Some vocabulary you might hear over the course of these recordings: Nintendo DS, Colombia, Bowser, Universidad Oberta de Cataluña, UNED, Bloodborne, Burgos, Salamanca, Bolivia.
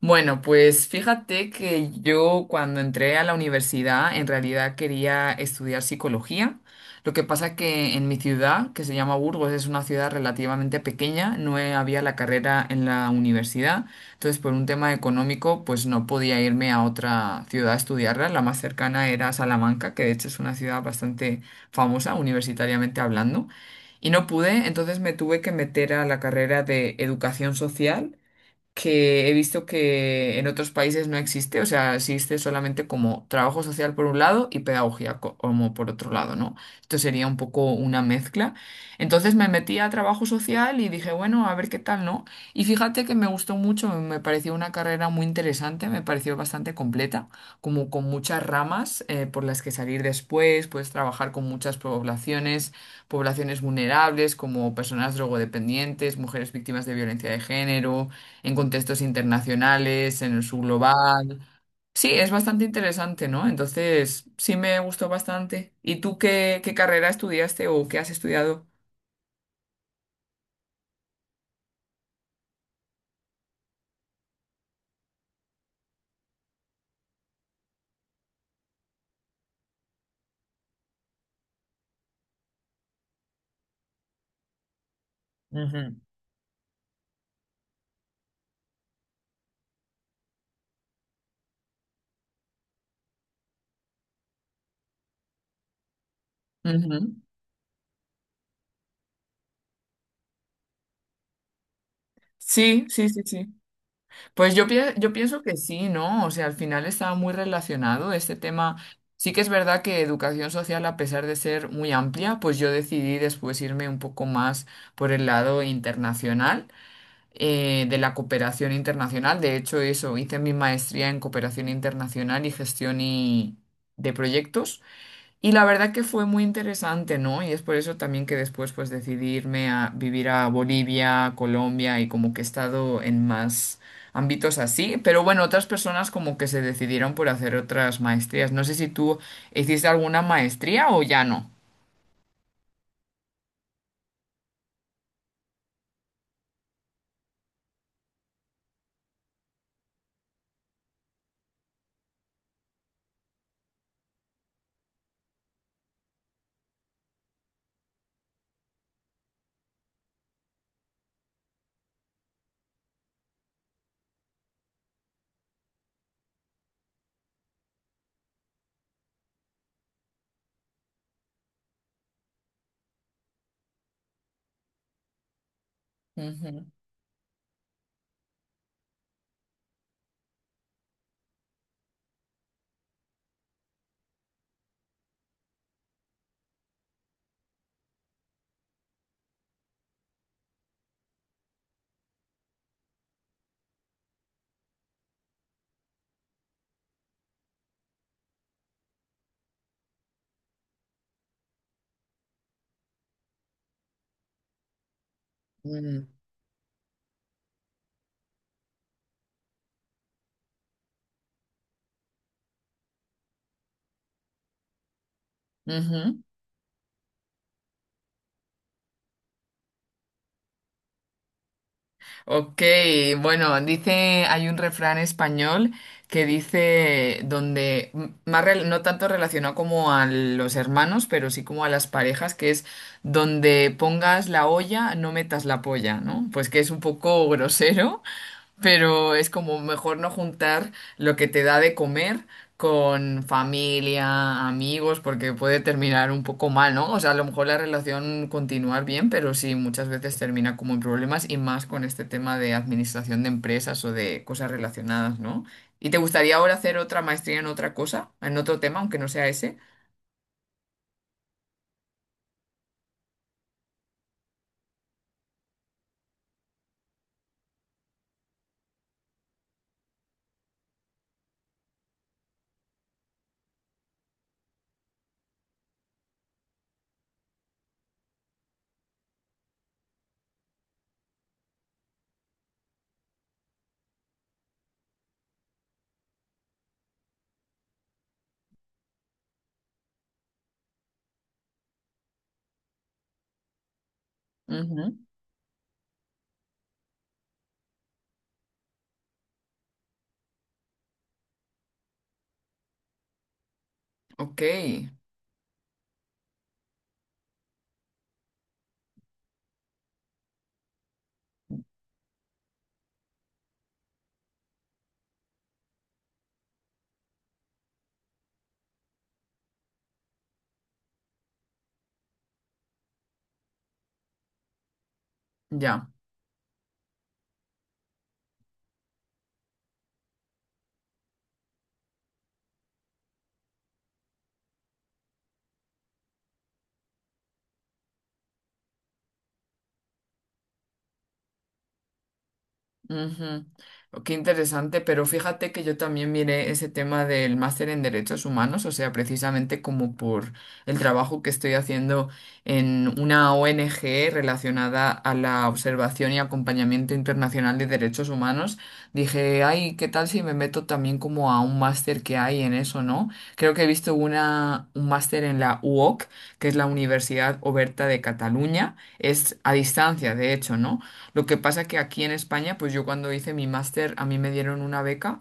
Bueno, pues fíjate que yo cuando entré a la universidad en realidad quería estudiar psicología. Lo que pasa que en mi ciudad, que se llama Burgos, es una ciudad relativamente pequeña, no he- había la carrera en la universidad. Entonces, por un tema económico, pues no podía irme a otra ciudad a estudiarla. La más cercana era Salamanca, que de hecho es una ciudad bastante famosa universitariamente hablando. Y no pude, entonces me tuve que meter a la carrera de educación social que he visto que en otros países no existe, o sea, existe solamente como trabajo social por un lado y como por otro lado, ¿no? Esto sería un poco una mezcla. Entonces me metí a trabajo social y dije, bueno, a ver qué tal, ¿no? Y fíjate que me gustó mucho, me pareció una carrera muy interesante, me pareció bastante completa, como con muchas ramas por las que salir después, puedes trabajar con muchas poblaciones, poblaciones vulnerables como personas drogodependientes, mujeres víctimas de violencia de género en contextos internacionales, en el subglobal. Sí, es bastante interesante, ¿no? Entonces, sí me gustó bastante. ¿Y qué carrera estudiaste o qué has estudiado? Ujú. Ujú. Sí, sí, sí, sí. Pues yo pienso que sí, ¿no? O sea, al final estaba muy relacionado este tema. Sí que es verdad que educación social, a pesar de ser muy amplia, pues yo decidí después irme un poco más por el lado internacional. De la cooperación internacional. De hecho, eso, hice mi maestría en cooperación internacional y de proyectos. Y la verdad que fue muy interesante, ¿no? Y es por eso también que después pues decidí irme a vivir a Bolivia, Colombia y como que he estado en más ámbitos así. Pero bueno, otras personas como que se decidieron por hacer otras maestrías. No sé si tú hiciste alguna maestría o ya no. Ujú. Mm. Ujú. Ok, bueno, dice, hay un refrán español que dice donde, m- más rel- no tanto relacionado como a los hermanos, pero sí como a las parejas, que es donde pongas la olla, no metas la polla, ¿no? Pues que es un poco grosero, pero es como mejor no juntar lo que te da de comer con familia, amigos, porque puede terminar un poco mal, ¿no? O sea, a lo mejor la relación continuar bien, pero sí, muchas veces termina como en problemas y más con este tema de administración de empresas o de cosas relacionadas, ¿no? ¿Y te gustaría ahora hacer otra maestría en otra cosa, en otro tema, aunque no sea ese? Ujú. Ok, ya. Ujú. Oh, qué interesante, pero fíjate que yo también miré ese tema del máster en derechos humanos, o sea, precisamente como por el trabajo que estoy haciendo en una ONG relacionada a la observación y acompañamiento internacional de derechos humanos, dije, ay, ¿qué tal si me meto también como a un máster que hay en eso, ¿no? Creo que he visto un máster en la UOC, que es la Universidad Oberta de Cataluña, es a distancia, de hecho, ¿no? Lo que pasa que aquí en España, pues yo cuando hice mi máster, a mí me dieron una beca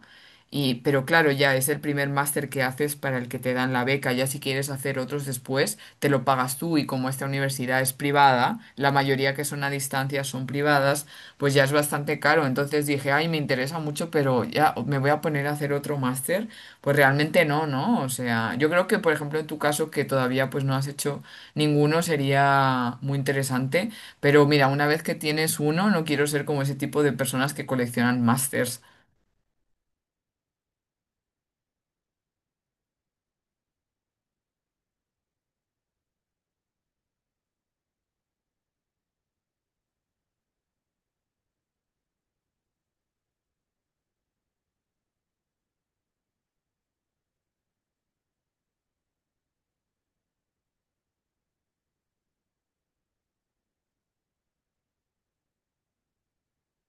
y, pero claro, ya es el primer máster que haces para el que te dan la beca. Ya si quieres hacer otros después, te lo pagas tú y como esta universidad es privada, la mayoría que son a distancia son privadas, pues ya es bastante caro. Entonces dije, ay, me interesa mucho, pero ya me voy a poner a hacer otro máster. Pues realmente no, ¿no? O sea, yo creo que, por ejemplo, en tu caso, que todavía pues no has hecho ninguno, sería muy interesante. Pero mira, una vez que tienes uno, no quiero ser como ese tipo de personas que coleccionan masters.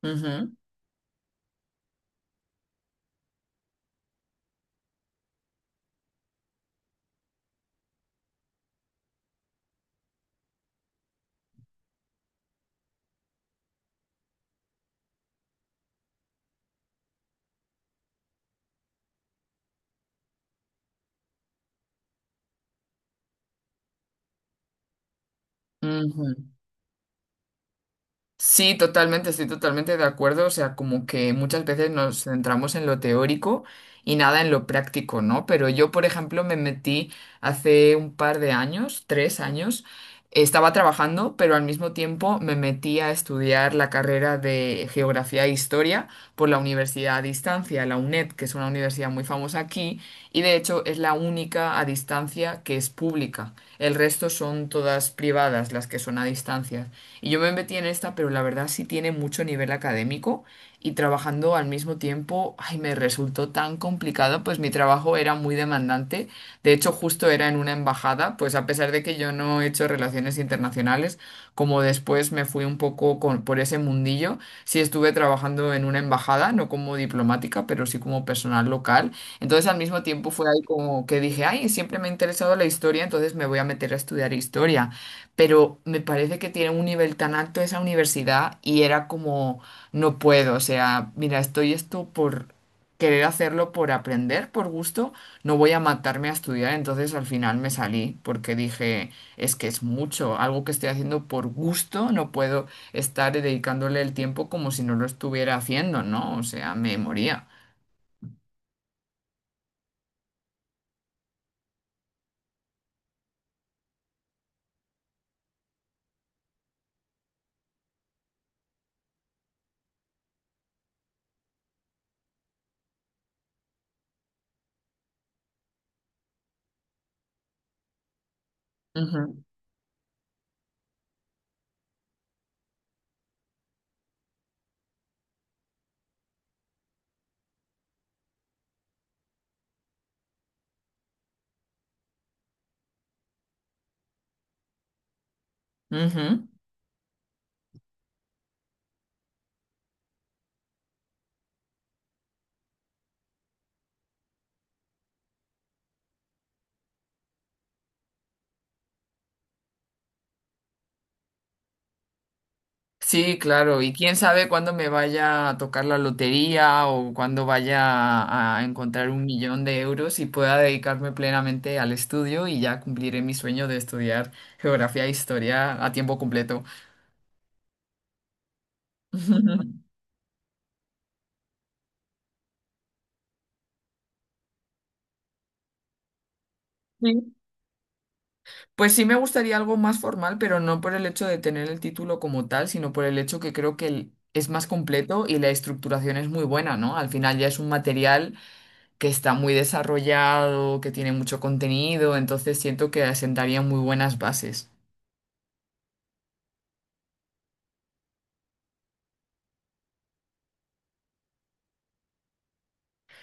Ujú, ujú. Sí, totalmente, estoy totalmente de acuerdo. O sea, como que muchas veces nos centramos en lo teórico y nada en lo práctico, ¿no? Pero yo, por ejemplo, me metí hace un par de años, tres años, estaba trabajando, pero al mismo tiempo me metí a estudiar la carrera de Geografía e Historia por la Universidad a Distancia, la UNED, que es una universidad muy famosa aquí y de hecho es la única a distancia que es pública. El resto son todas privadas, las que son a distancia. Y yo me metí en esta, pero la verdad sí tiene mucho nivel académico y trabajando al mismo tiempo, ay, me resultó tan complicado, pues mi trabajo era muy demandante. De hecho, justo era en una embajada, pues a pesar de que yo no he hecho relaciones internacionales, como después me fui un poco por ese mundillo, sí estuve trabajando en una embajada, no como diplomática, pero sí como personal local. Entonces al mismo tiempo fue ahí como que dije, ay, siempre me ha interesado la historia, entonces me voy a meter a estudiar historia, pero me parece que tiene un nivel tan alto esa universidad y era como, no puedo, o sea, mira, estoy esto por querer hacerlo, por aprender, por gusto, no voy a matarme a estudiar, entonces al final me salí porque dije, es que es mucho, algo que estoy haciendo por gusto, no puedo estar dedicándole el tiempo como si no lo estuviera haciendo, ¿no? O sea, me moría. Ujú, ujú. Sí, claro, y quién sabe cuándo me vaya a tocar la lotería o cuándo vaya a encontrar un millón de euros y pueda dedicarme plenamente al estudio y ya cumpliré mi sueño de estudiar geografía e historia a tiempo completo. Sí. Pues sí me gustaría algo más formal, pero no por el hecho de tener el título como tal, sino por el hecho que creo que es más completo y la estructuración es muy buena, ¿no? Al final ya es un material que está muy desarrollado, que tiene mucho contenido, entonces siento que asentaría muy buenas bases.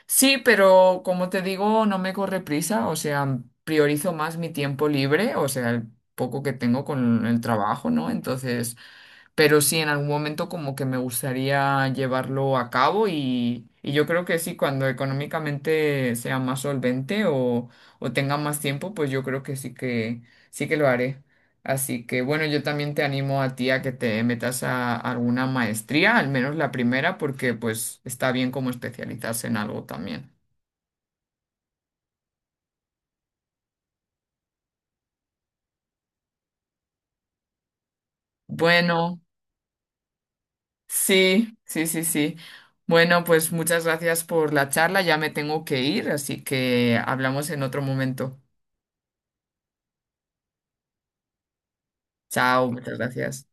Sí, pero como te digo, no me corre prisa, o sea, priorizo más mi tiempo libre, o sea, el poco que tengo con el trabajo, ¿no? Entonces... Pero sí, en algún momento como que me gustaría llevarlo a cabo y yo creo que sí, cuando económicamente sea más solvente o tenga más tiempo, pues yo creo que sí que lo haré. Así que bueno, yo también te animo a ti a que te metas a alguna maestría, al menos la primera, porque pues está bien como especializarse en algo también. Bueno, sí, sí, sí, sí. Bueno, pues muchas gracias por la charla, ya me tengo que ir, así que hablamos en otro momento. Chao, muchas gracias.